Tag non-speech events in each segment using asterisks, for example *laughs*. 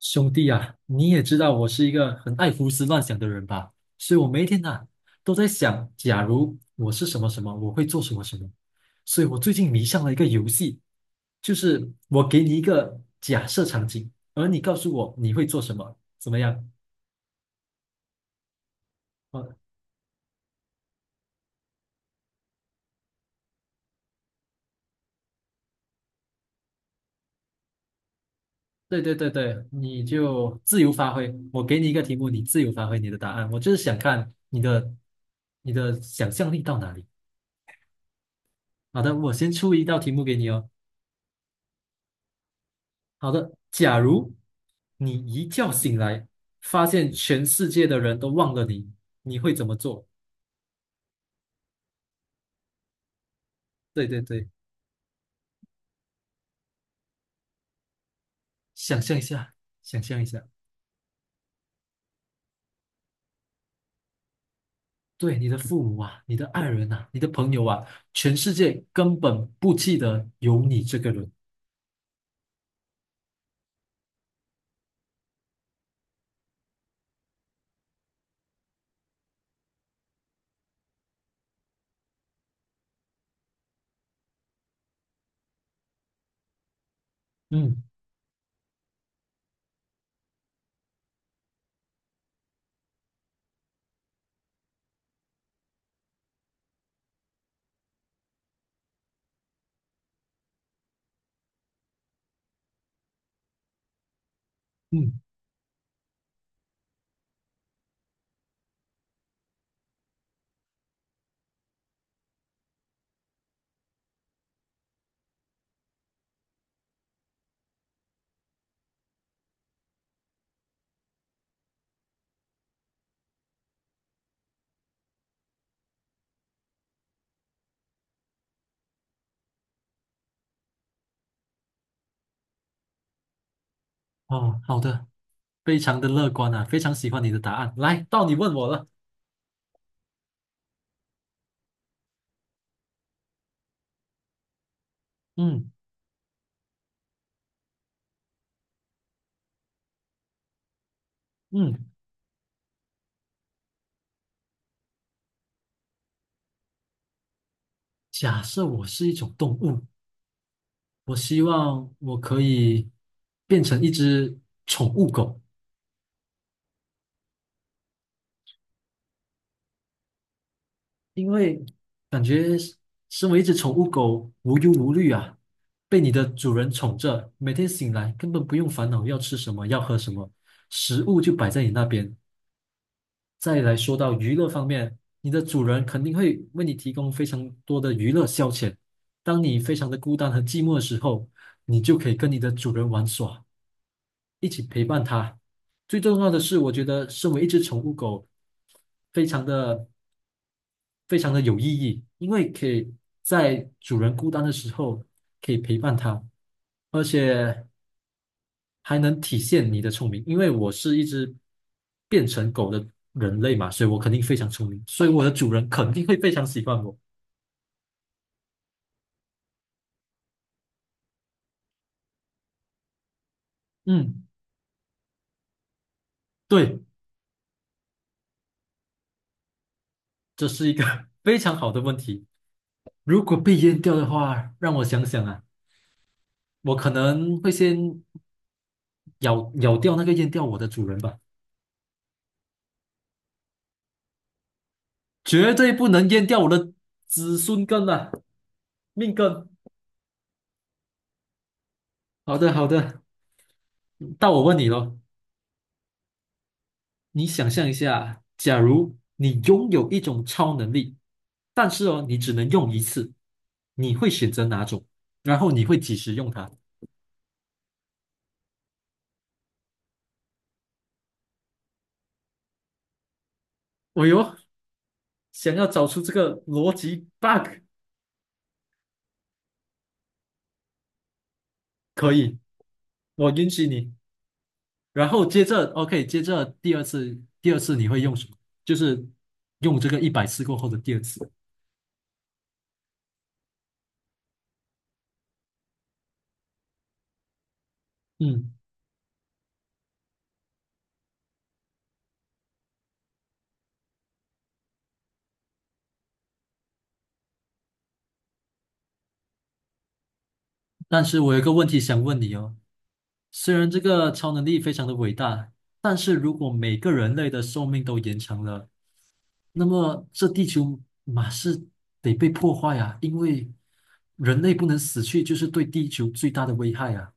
兄弟啊，你也知道我是一个很爱胡思乱想的人吧，所以我每一天呐、都在想，假如我是什么什么，我会做什么什么。所以我最近迷上了一个游戏，就是我给你一个假设场景，而你告诉我你会做什么，怎么样？哦，对对对对，你就自由发挥。我给你一个题目，你自由发挥你的答案。我就是想看你的想象力到哪里。好的，我先出一道题目给你哦。好的，假如你一觉醒来，发现全世界的人都忘了你，你会怎么做？对对对，想象一下，想象一下，对你的父母啊，你的爱人啊，你的朋友啊，全世界根本不记得有你这个人。嗯嗯，哦，好的，非常的乐观啊，非常喜欢你的答案。来，到你问我了。嗯嗯，假设我是一种动物，我希望我可以变成一只宠物狗。因为感觉是身为一只宠物狗，无忧无虑啊，被你的主人宠着，每天醒来根本不用烦恼要吃什么，要喝什么，食物就摆在你那边。再来说到娱乐方面，你的主人肯定会为你提供非常多的娱乐消遣。当你非常的孤单和寂寞的时候，你就可以跟你的主人玩耍，一起陪伴他。最重要的是，我觉得身为一只宠物狗，非常的非常的有意义，因为可以在主人孤单的时候可以陪伴他，而且还能体现你的聪明。因为我是一只变成狗的人类嘛，所以我肯定非常聪明，所以我的主人 *laughs* 肯定会非常喜欢我。嗯，对，这是一个 *laughs* 非常好的问题。如果被淹掉的话，让我想想啊，我可能会先咬掉那个淹掉我的主人吧，绝对不能淹掉我的子孙根啊，命根。好的，好的。到我问你咯，你想象一下，假如你拥有一种超能力，但是哦，你只能用一次，你会选择哪种？然后你会几时用它？哦哟，想要找出这个逻辑 bug，可以，我允许你。然后接着，OK，接着第二次，第二次你会用什么？就是用这个100次过后的第二次。嗯，但是我有一个问题想问你哦，虽然这个超能力非常的伟大，但是如果每个人类的寿命都延长了，那么这地球马是得被破坏啊，因为人类不能死去，就是对地球最大的危害啊。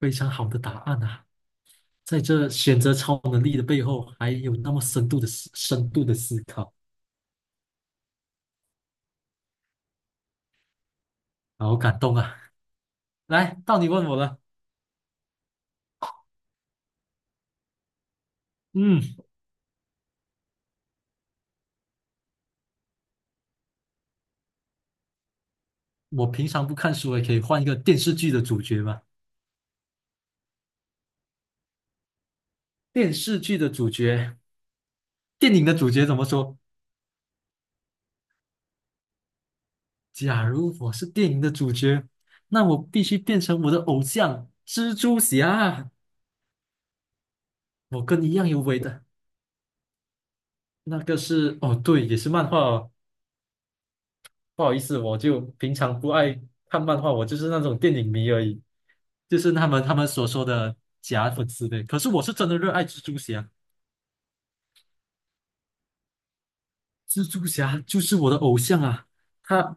非常好的答案啊，在这选择超能力的背后，还有那么深度的思考，好感动啊！来，到你问我了。嗯，我平常不看书，也可以换一个电视剧的主角嘛？电视剧的主角，电影的主角怎么说？假如我是电影的主角，那我必须变成我的偶像蜘蛛侠。我跟你一样有伟的，那个是哦，对，也是漫画哦。不好意思，我就平常不爱看漫画，我就是那种电影迷而已，就是他们所说的假粉丝呗。可是我是真的热爱蜘蛛侠，蜘蛛侠就是我的偶像啊，他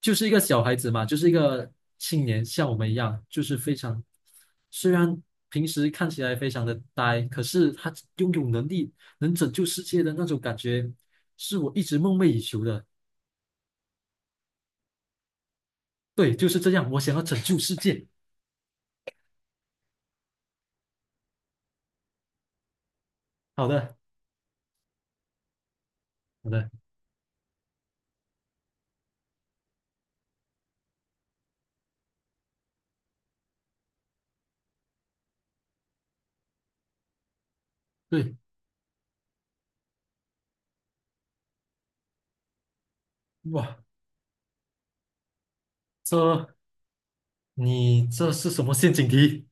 就是一个小孩子嘛，就是一个青年，像我们一样，就是非常，虽然平时看起来非常的呆，可是他拥有能力，能拯救世界的那种感觉，是我一直梦寐以求的。对，就是这样，我想要拯救世界。好的，好的，对，哇，这你这是什么陷阱题？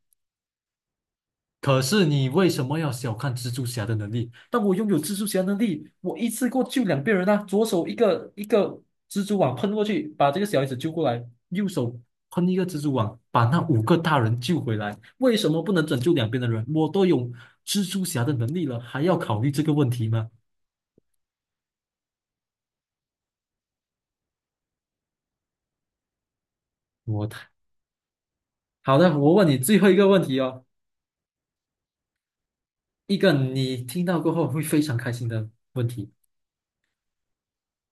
可是你为什么要小看蜘蛛侠的能力？当我拥有蜘蛛侠能力，我一次过救两边人啊！左手一个蜘蛛网喷过去，把这个小孩子救过来；右手喷一个蜘蛛网，把那5个大人救回来。为什么不能拯救两边的人？我都有蜘蛛侠的能力了，还要考虑这个问题吗？我太好的，我问你最后一个问题哦，一个你听到过后会非常开心的问题：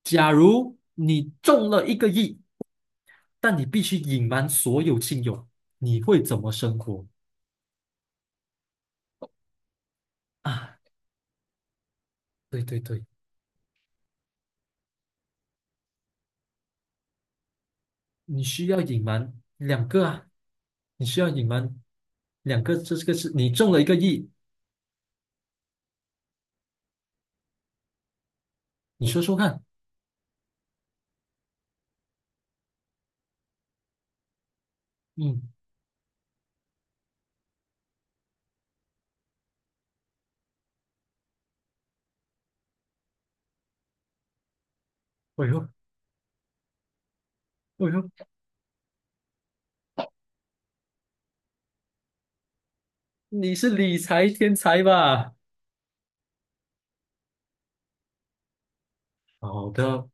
假如你中了一个亿。但你必须隐瞒所有亲友，你会怎么生活啊？对对对，你需要隐瞒两个啊，你需要隐瞒两个，这个是你中了一个亿，你说说看，嗯，哎呦哎呦，你是理财天才吧？好的，